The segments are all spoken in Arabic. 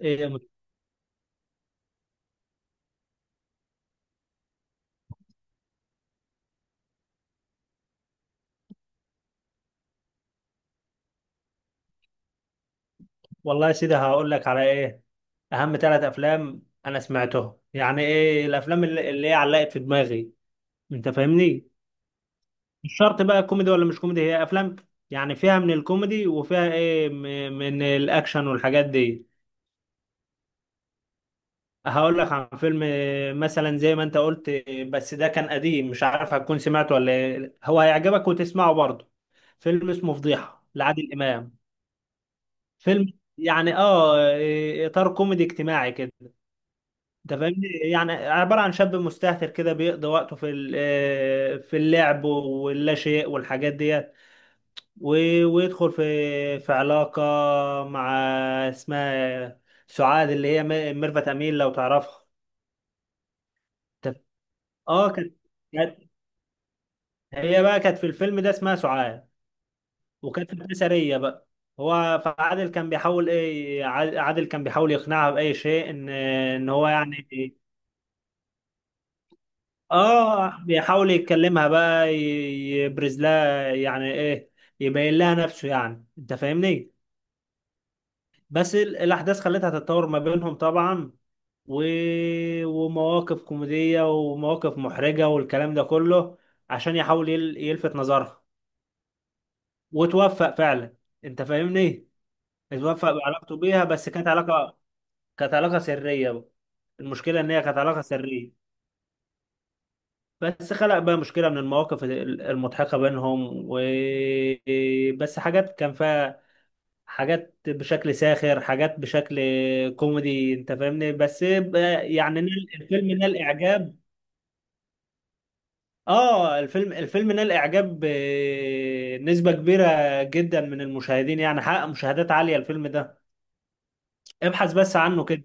إيه. والله يا سيدي هقول لك على ايه. اهم ثلاث افلام انا سمعتهم، يعني ايه الافلام اللي هي علقت في دماغي. انت فاهمني؟ مش شرط بقى كوميدي ولا مش كوميدي، هي افلام يعني فيها من الكوميدي وفيها ايه من الاكشن والحاجات دي. هقول لك عن فيلم مثلا زي ما انت قلت بس ده كان قديم مش عارف هتكون سمعته ولا إيه. هو هيعجبك وتسمعه برضه. فيلم اسمه فضيحة لعادل امام. فيلم يعني اه إيه، اطار كوميدي اجتماعي كده. انت فاهمني؟ يعني عباره عن شاب مستهتر كده بيقضي وقته في في اللعب واللا شيء والحاجات ديت. ويدخل في علاقه مع اسمها سعاد اللي هي ميرفت امين لو تعرفها. انت- اه كانت كانت- هي بقى كانت في الفيلم ده اسمها سعاد، وكانت فتاة سريه بقى. هو فعادل كان بيحاول ايه، عادل كان بيحاول يقنعها باي شيء ان هو يعني. اه بيحاول يتكلمها بقى، يبرز لها يعني ايه، يبين لها نفسه يعني. انت فاهمني؟ بس الاحداث خلتها تتطور ما بينهم طبعا، و... ومواقف كوميدية ومواقف محرجة والكلام ده كله عشان يحاول يلفت نظرها، وتوفق فعلا. انت فاهمني؟ اتوفق بعلاقته بيها، بس كانت علاقة، كانت علاقة سرية بقى. المشكلة ان هي كانت علاقة سرية، بس خلق بقى مشكلة من المواقف المضحكة بينهم و بس حاجات كان فيها، حاجات بشكل ساخر، حاجات بشكل كوميدي. انت فاهمني؟ يعني الفيلم نال اعجاب. اه الفيلم نال اعجاب بنسبة كبيرة جدا من المشاهدين، يعني حقق مشاهدات عالية الفيلم ده. ابحث بس عنه كده.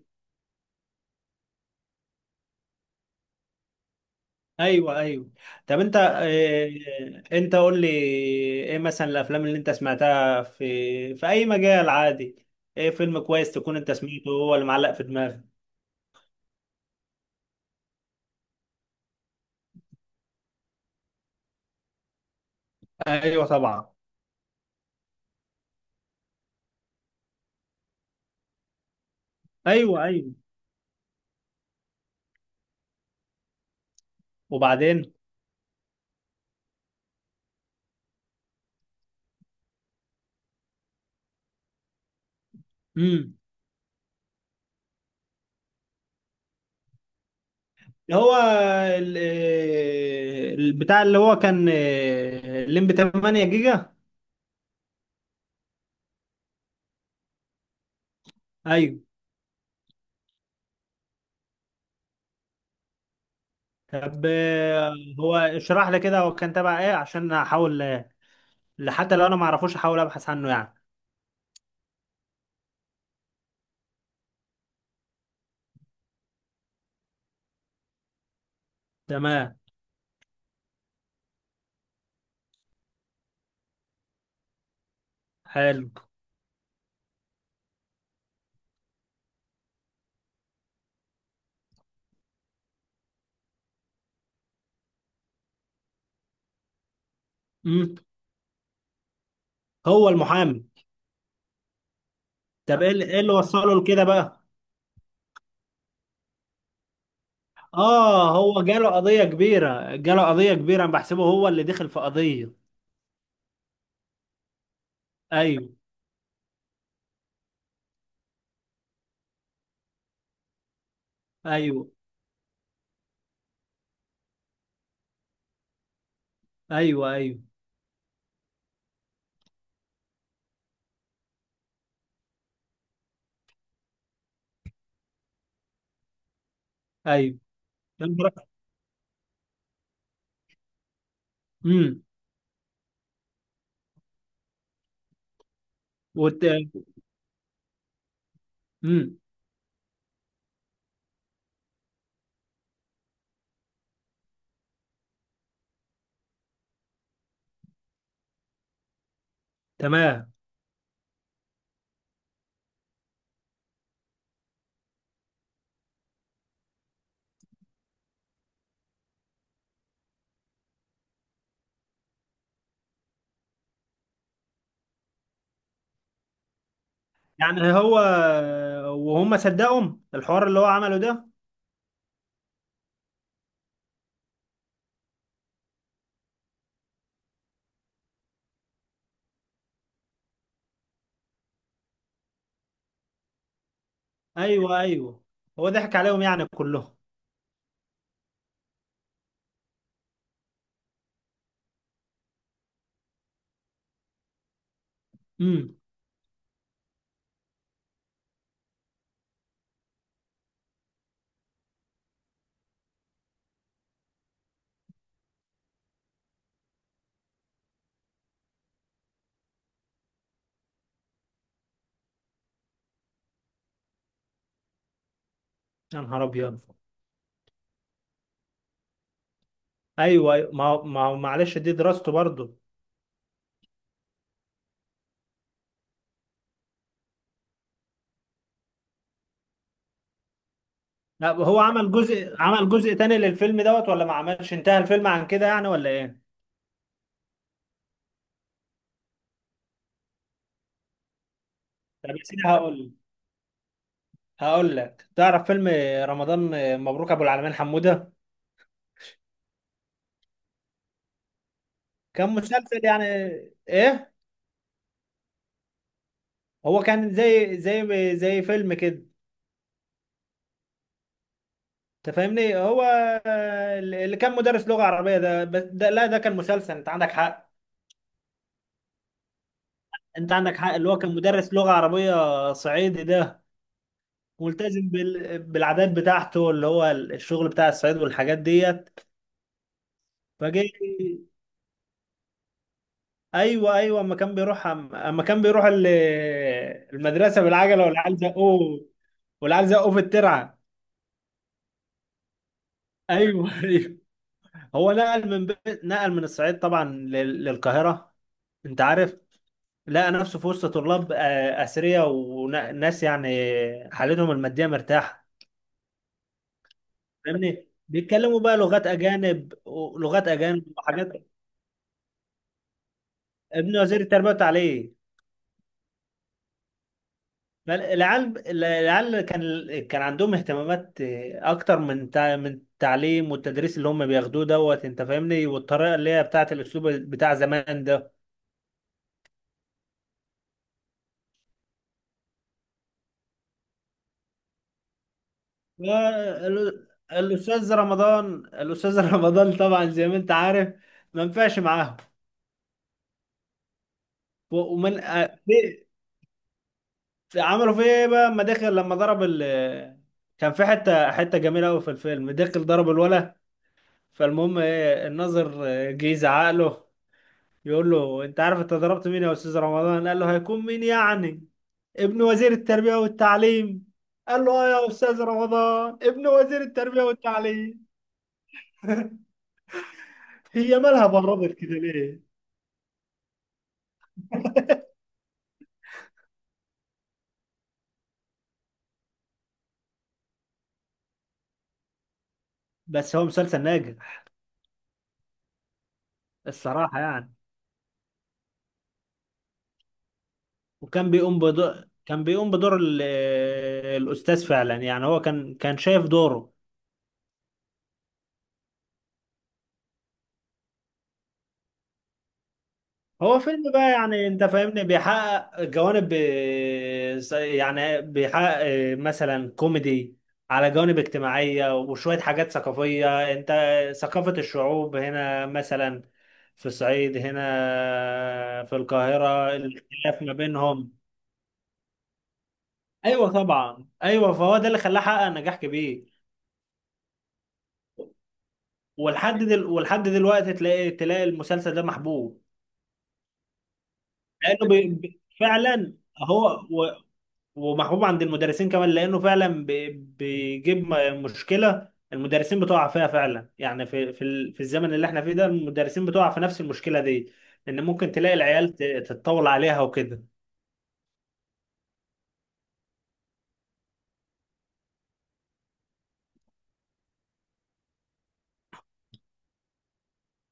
ايوه ايوه. طب انت، انت قول لي ايه مثلا الافلام اللي انت سمعتها في في اي مجال عادي، ايه فيلم كويس تكون انت سمعته هو اللي معلق في دماغك. ايوه طبعا. ايوه ايوه وبعدين. امم. هو البتاع اللي هو كان الليمبي 8 جيجا. ايوه. طب هو اشرح لي كده، هو كان تبع ايه عشان احاول حتى لو انا ما اعرفوش احاول ابحث عنه يعني. تمام. حلو. مم. هو المحامي. طب ايه اللي إيه اللي وصله لكده بقى. اه هو جاله قضية كبيرة، جاله قضية كبيرة، انا بحسبه هو اللي دخل في قضية. ايوه ايوه. ايوه ايوه ايوه. امم. وت... امم. تمام. يعني هو، وهم صدقهم الحوار اللي هو عمله ده؟ ايوه ايوه. هو ضحك عليهم يعني كلهم. امم. يا نهار ابيض. ايوه أيوة. ما هو معلش دي دراسته برضه. لا هو عمل جزء، تاني للفيلم دوت، ولا ما عملش، انتهى الفيلم عن كده يعني ولا ايه؟ طب يا سيدي هقول لك تعرف فيلم رمضان مبروك ابو العلمين حمودة؟ كان مسلسل يعني. ايه، هو كان زي فيلم كده. انت فاهمني؟ هو اللي كان مدرس لغة عربية ده، بس ده لا ده كان مسلسل انت عندك حق. انت عندك حق، اللي هو كان مدرس لغة عربية صعيدي ده ملتزم بالعادات بتاعته اللي هو الشغل بتاع الصعيد والحاجات ديت. فجه. ايوه ايوه. اما كان بيروح المدرسه بالعجله، والعيال زقوه، في الترعه. ايوه ايوه. هو نقل نقل من الصعيد طبعا للقاهره. انت عارف. لقى نفسه في وسط طلاب اثرياء، وناس يعني حالتهم الماديه مرتاحه. فاهمني؟ بيتكلموا بقى لغات اجانب، ولغات اجانب وحاجات. ابن وزير التربيه والتعليم. العيال كان عندهم اهتمامات اكتر من من التعليم والتدريس اللي هم بياخدوه دوت. انت فاهمني؟ والطريقه اللي هي بتاعه الاسلوب بتاع زمان ده. الاستاذ رمضان، الاستاذ رمضان طبعا زي ما انت عارف ما ينفعش معاهم. و- ومن أ- عملوا فيه ايه بقى لما ضرب كان في حته جميله قوي في الفيلم، دخل ضرب الولا. فالمهم ايه، الناظر جه يزعق له، بيقول له انت عارف انت ضربت مين يا استاذ رمضان؟ قال له هيكون مين يعني؟ ابن وزير التربية والتعليم. قال له اه يا استاذ رمضان ابن وزير التربية والتعليم. هي مالها بردت كده ليه؟ بس هو مسلسل ناجح. الصراحة يعني. وكان بيقوم بدور، كان بيقوم بدور الأستاذ فعلا. يعني هو كان، كان شايف دوره. هو فيلم بقى يعني، انت فاهمني، بيحقق جوانب يعني بيحقق مثلا كوميدي على جوانب اجتماعية وشوية حاجات ثقافية. انت ثقافة الشعوب هنا مثلا، في الصعيد، هنا في القاهرة، الاختلاف ما بينهم. ايوه طبعا. ايوه فهو ده اللي خلاه حقق نجاح كبير. ولحد دلوقتي تلاقي المسلسل ده محبوب. لانه فعلا، هو ومحبوب عند المدرسين كمان لانه فعلا بيجيب مشكله المدرسين بتقع فيها فعلا يعني، في في الزمن اللي احنا فيه ده، المدرسين بتقع في نفس المشكله دي، ان ممكن تلاقي العيال تتطول عليها وكده.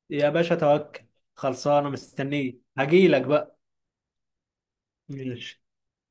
يا باشا توكل. خلصانه مستنيه هجيلك بقى. ماشي.